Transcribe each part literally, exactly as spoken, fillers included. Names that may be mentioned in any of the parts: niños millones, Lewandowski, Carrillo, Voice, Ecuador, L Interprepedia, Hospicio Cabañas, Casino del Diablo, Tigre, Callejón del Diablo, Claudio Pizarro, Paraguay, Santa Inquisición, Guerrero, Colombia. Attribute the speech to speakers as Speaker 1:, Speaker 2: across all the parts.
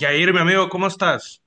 Speaker 1: Yair, mi amigo, ¿cómo estás?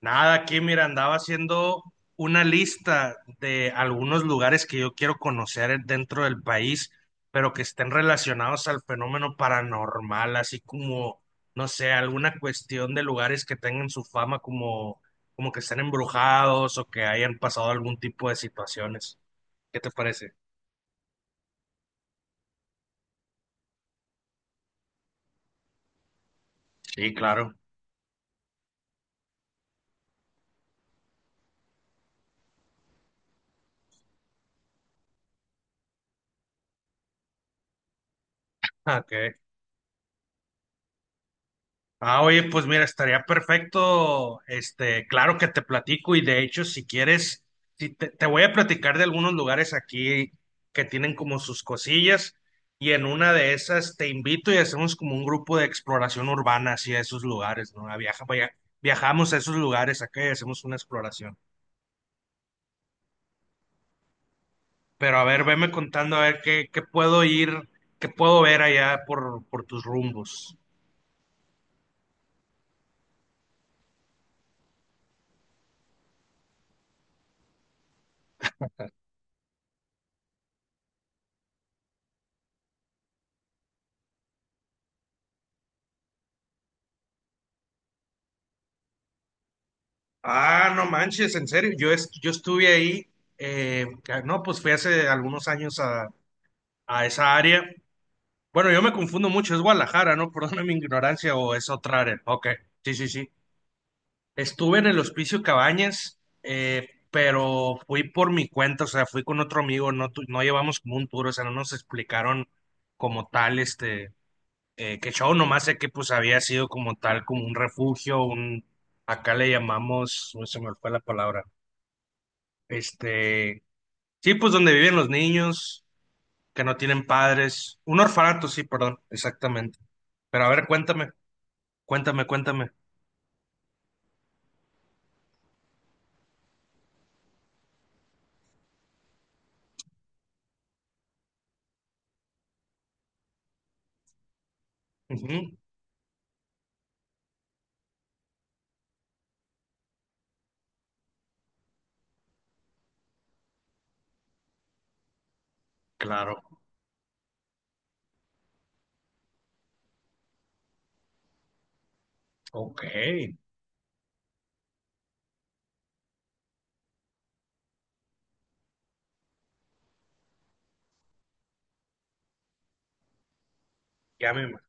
Speaker 1: Nada, aquí, mira, andaba haciendo una lista de algunos lugares que yo quiero conocer en- dentro del país, pero que estén relacionados al fenómeno paranormal, así como, no sé, alguna cuestión de lugares que tengan su fama como, como que estén embrujados o que hayan pasado algún tipo de situaciones. ¿Qué te parece? Sí, claro. Ah, ok. Ah, oye, pues mira, estaría perfecto. Este, claro que te platico y de hecho, si quieres, si te, te voy a platicar de algunos lugares aquí que tienen como sus cosillas y en una de esas te invito y hacemos como un grupo de exploración urbana hacia esos lugares, ¿no? A viaja- vaya- viajamos a esos lugares acá y hacemos una exploración. Pero a ver, veme contando a ver qué, qué puedo ir, qué puedo ver allá por, por tus rumbos. Ah, no manches, en serio. Yo, est- yo estuve ahí, eh, ca- no, pues fui hace algunos años a, a esa área. Bueno, yo me confundo mucho, es Guadalajara, ¿no? Perdona mi ignorancia o es otra área. Ok, sí, sí, sí. Estuve en el Hospicio Cabañas, eh, pero fui por mi cuenta, o sea, fui con otro amigo, no, tu- no llevamos como un tour, o sea, no nos explicaron como tal, este, eh, qué show, nomás sé que pues había sido como tal, como un refugio, un, acá le llamamos, uy, se me fue la palabra. Este, sí, pues donde viven los niños que no tienen padres. Un orfanato, sí, perdón, exactamente. Pero a ver, cuéntame, cuéntame, cuéntame. Ujú, claro, ok, ya me ima-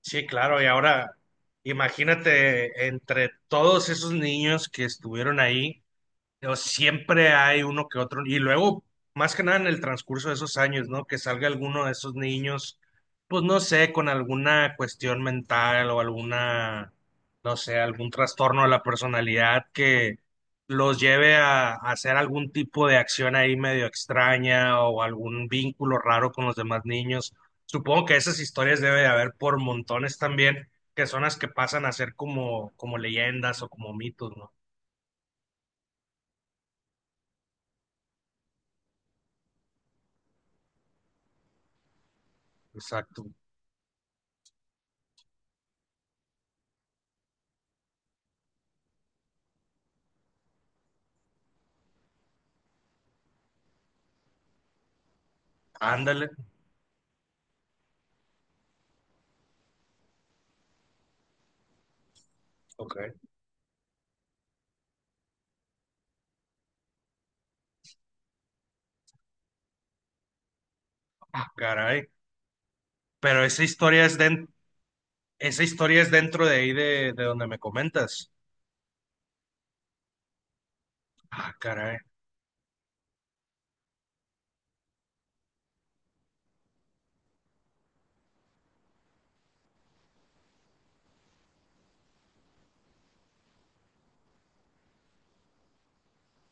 Speaker 1: Sí, claro, y ahora imagínate entre todos esos niños que estuvieron ahí. O siempre hay uno que otro, y luego, más que nada en el transcurso de esos años, ¿no? Que salga alguno de esos niños, pues no sé, con alguna cuestión mental o alguna, no sé, algún trastorno de la personalidad que los lleve a, a hacer algún tipo de acción ahí medio extraña o algún vínculo raro con los demás niños. Supongo que esas historias debe de haber por montones también, que son las que pasan a ser como, como leyendas o como mitos, ¿no? Exacto. Ándale. Ok. Ah, caray. Pero esa historia es den- esa historia es dentro de ahí de, de donde me comentas. Ah, caray.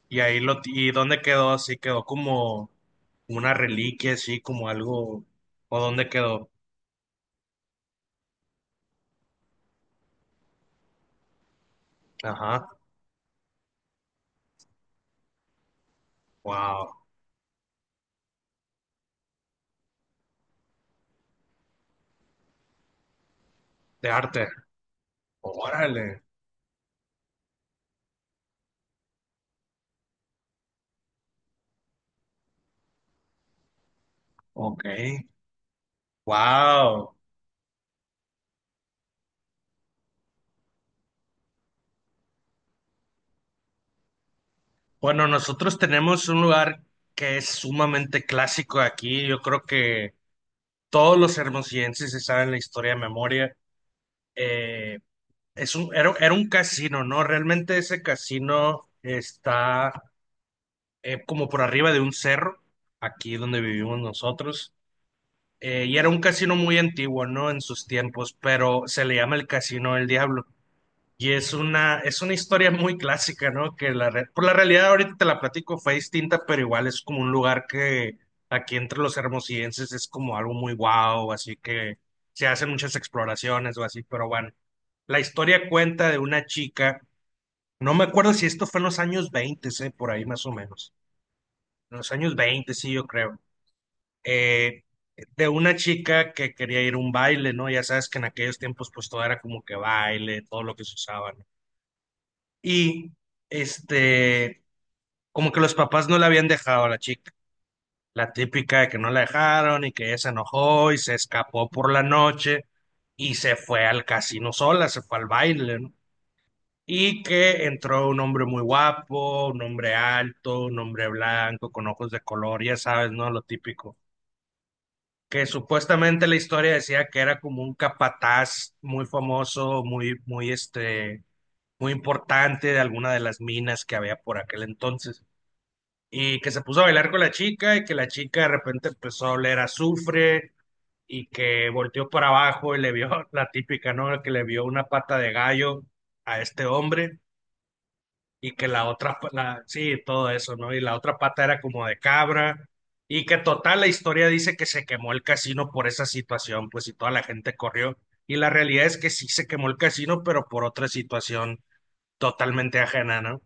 Speaker 1: Y ahí lo, y dónde quedó así, quedó como una reliquia, así como algo, o dónde quedó. Ajá. Wow. De arte. Órale. Ok. Wow. Bueno, nosotros tenemos un lugar que es sumamente clásico aquí. Yo creo que todos los hermosillenses se saben la historia de memoria. Eh, Es un, era, era un casino, ¿no? Realmente ese casino está eh, como por arriba de un cerro, aquí donde vivimos nosotros. Eh, y era un casino muy antiguo, ¿no? En sus tiempos, pero se le llama el Casino del Diablo. Y es una, es una historia muy clásica, ¿no? Que la, re- por la realidad ahorita te la platico, fue distinta, pero igual es como un lugar que aquí entre los hermosillenses es como algo muy guau, así que se hacen muchas exploraciones o así, pero bueno. La historia cuenta de una chica, no me acuerdo si esto fue en los años veinte, eh, por ahí más o menos. En los años veinte sí, yo creo. Eh, de una chica que quería ir a un baile, ¿no? Ya sabes que en aquellos tiempos pues todo era como que baile, todo lo que se usaba, ¿no? Y este, como que los papás no la habían dejado a la chica. La típica de que no la dejaron y que ella se enojó y se escapó por la noche y se fue al casino sola, se fue al baile, ¿no? Y que entró un hombre muy guapo, un hombre alto, un hombre blanco, con ojos de color, ya sabes, ¿no? Lo típico. Que supuestamente la historia decía que era como un capataz muy famoso, muy, muy, este, muy importante de alguna de las minas que había por aquel entonces. Y que se puso a bailar con la chica y que la chica de repente empezó a oler a azufre y que volteó para abajo y le vio la típica, ¿no? Que le vio una pata de gallo a este hombre y que la otra, pa- la, sí, todo eso, ¿no? Y la otra pata era como de cabra, y que total la historia dice que se quemó el casino por esa situación, pues y toda la gente corrió, y la realidad es que sí se quemó el casino, pero por otra situación totalmente ajena, ¿no?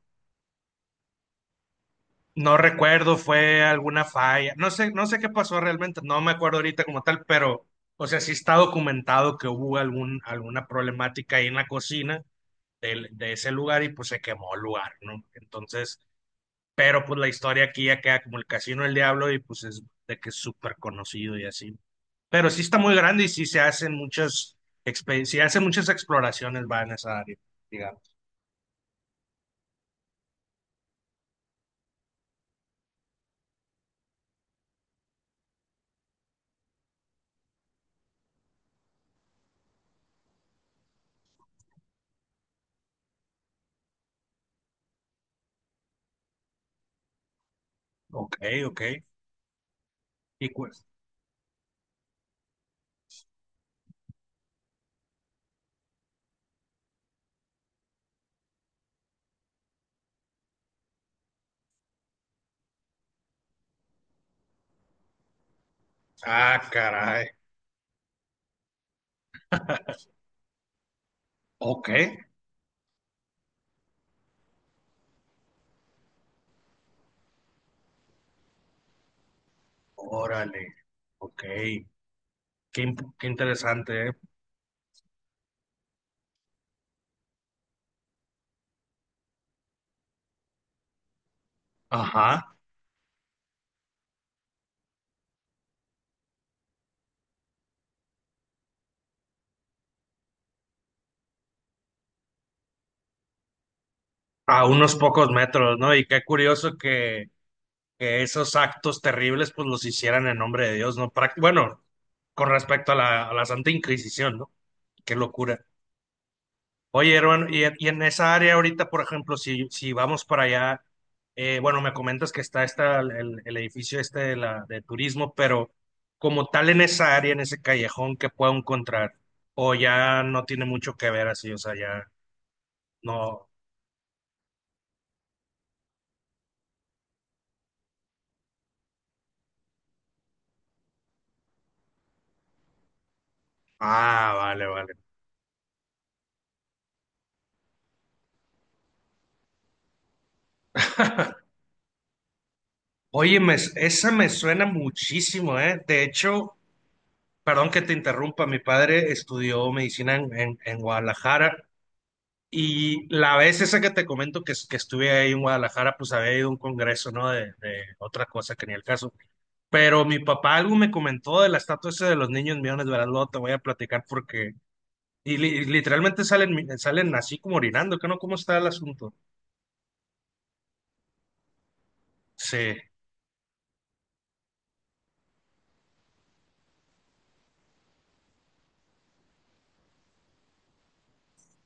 Speaker 1: No recuerdo, fue alguna falla, no sé, no sé qué pasó realmente, no me acuerdo ahorita como tal, pero, o sea, sí está documentado que hubo algún, alguna problemática ahí en la cocina del- de ese lugar y pues se quemó el lugar, ¿no? Entonces... Pero pues la historia aquí ya queda como el Casino del Diablo y pues es de que es súper conocido y así. Pero sí está muy grande y sí se hacen muchas expe- sí hacen muchas exploraciones va en esa área, digamos. Ok, ok. Y cu- ah, caray. Ok. Órale. Ok. Qué, imp- qué interesante, ¿eh? Ajá. A unos pocos metros, ¿no? Y qué curioso que que esos actos terribles pues los hicieran en nombre de Dios, ¿no? Práct- bueno, con respecto a la, a la Santa Inquisición, ¿no? Qué locura. Oye, hermano, y, y en esa área ahorita, por ejemplo, si, si vamos para allá, eh, bueno, me comentas que está esta, el, el edificio este de, la, de turismo, pero como tal en esa área, en ese callejón, ¿qué puedo encontrar? O ya no tiene mucho que ver así, o sea, ya no. Ah, vale, vale. Oye, me- esa me suena muchísimo, ¿eh? De hecho, perdón que te interrumpa, mi padre estudió medicina en, en- en Guadalajara y la vez esa que te comento que, es- que estuve ahí en Guadalajara, pues había ido a un congreso, ¿no? De, de otra cosa que ni el caso. Pero mi papá algo me comentó de la estatua esa de los niños millones, ¿verdad? Luego te voy a platicar porque... Y, li- literalmente salen, mi- salen así como orinando, ¿qué no? ¿Cómo está el asunto? Sí,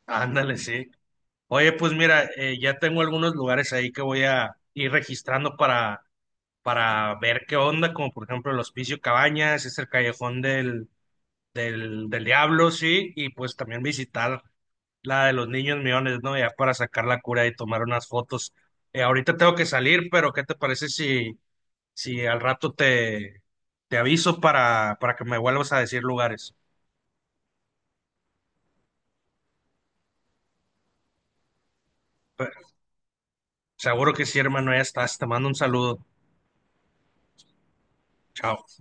Speaker 1: ándale, sí. Oye, pues mira, eh, ya tengo algunos lugares ahí que voy a ir registrando para para ver qué onda, como por ejemplo el Hospicio Cabañas, es el Callejón del, del, del Diablo, sí, y pues también visitar la de los niños millones, ¿no? Ya para sacar la cura y tomar unas fotos. Eh, ahorita tengo que salir, pero ¿qué te parece si, si al rato te, te aviso para, para que me vuelvas a decir lugares? Pe- seguro que sí, hermano, ya estás. Te mando un saludo. Chao.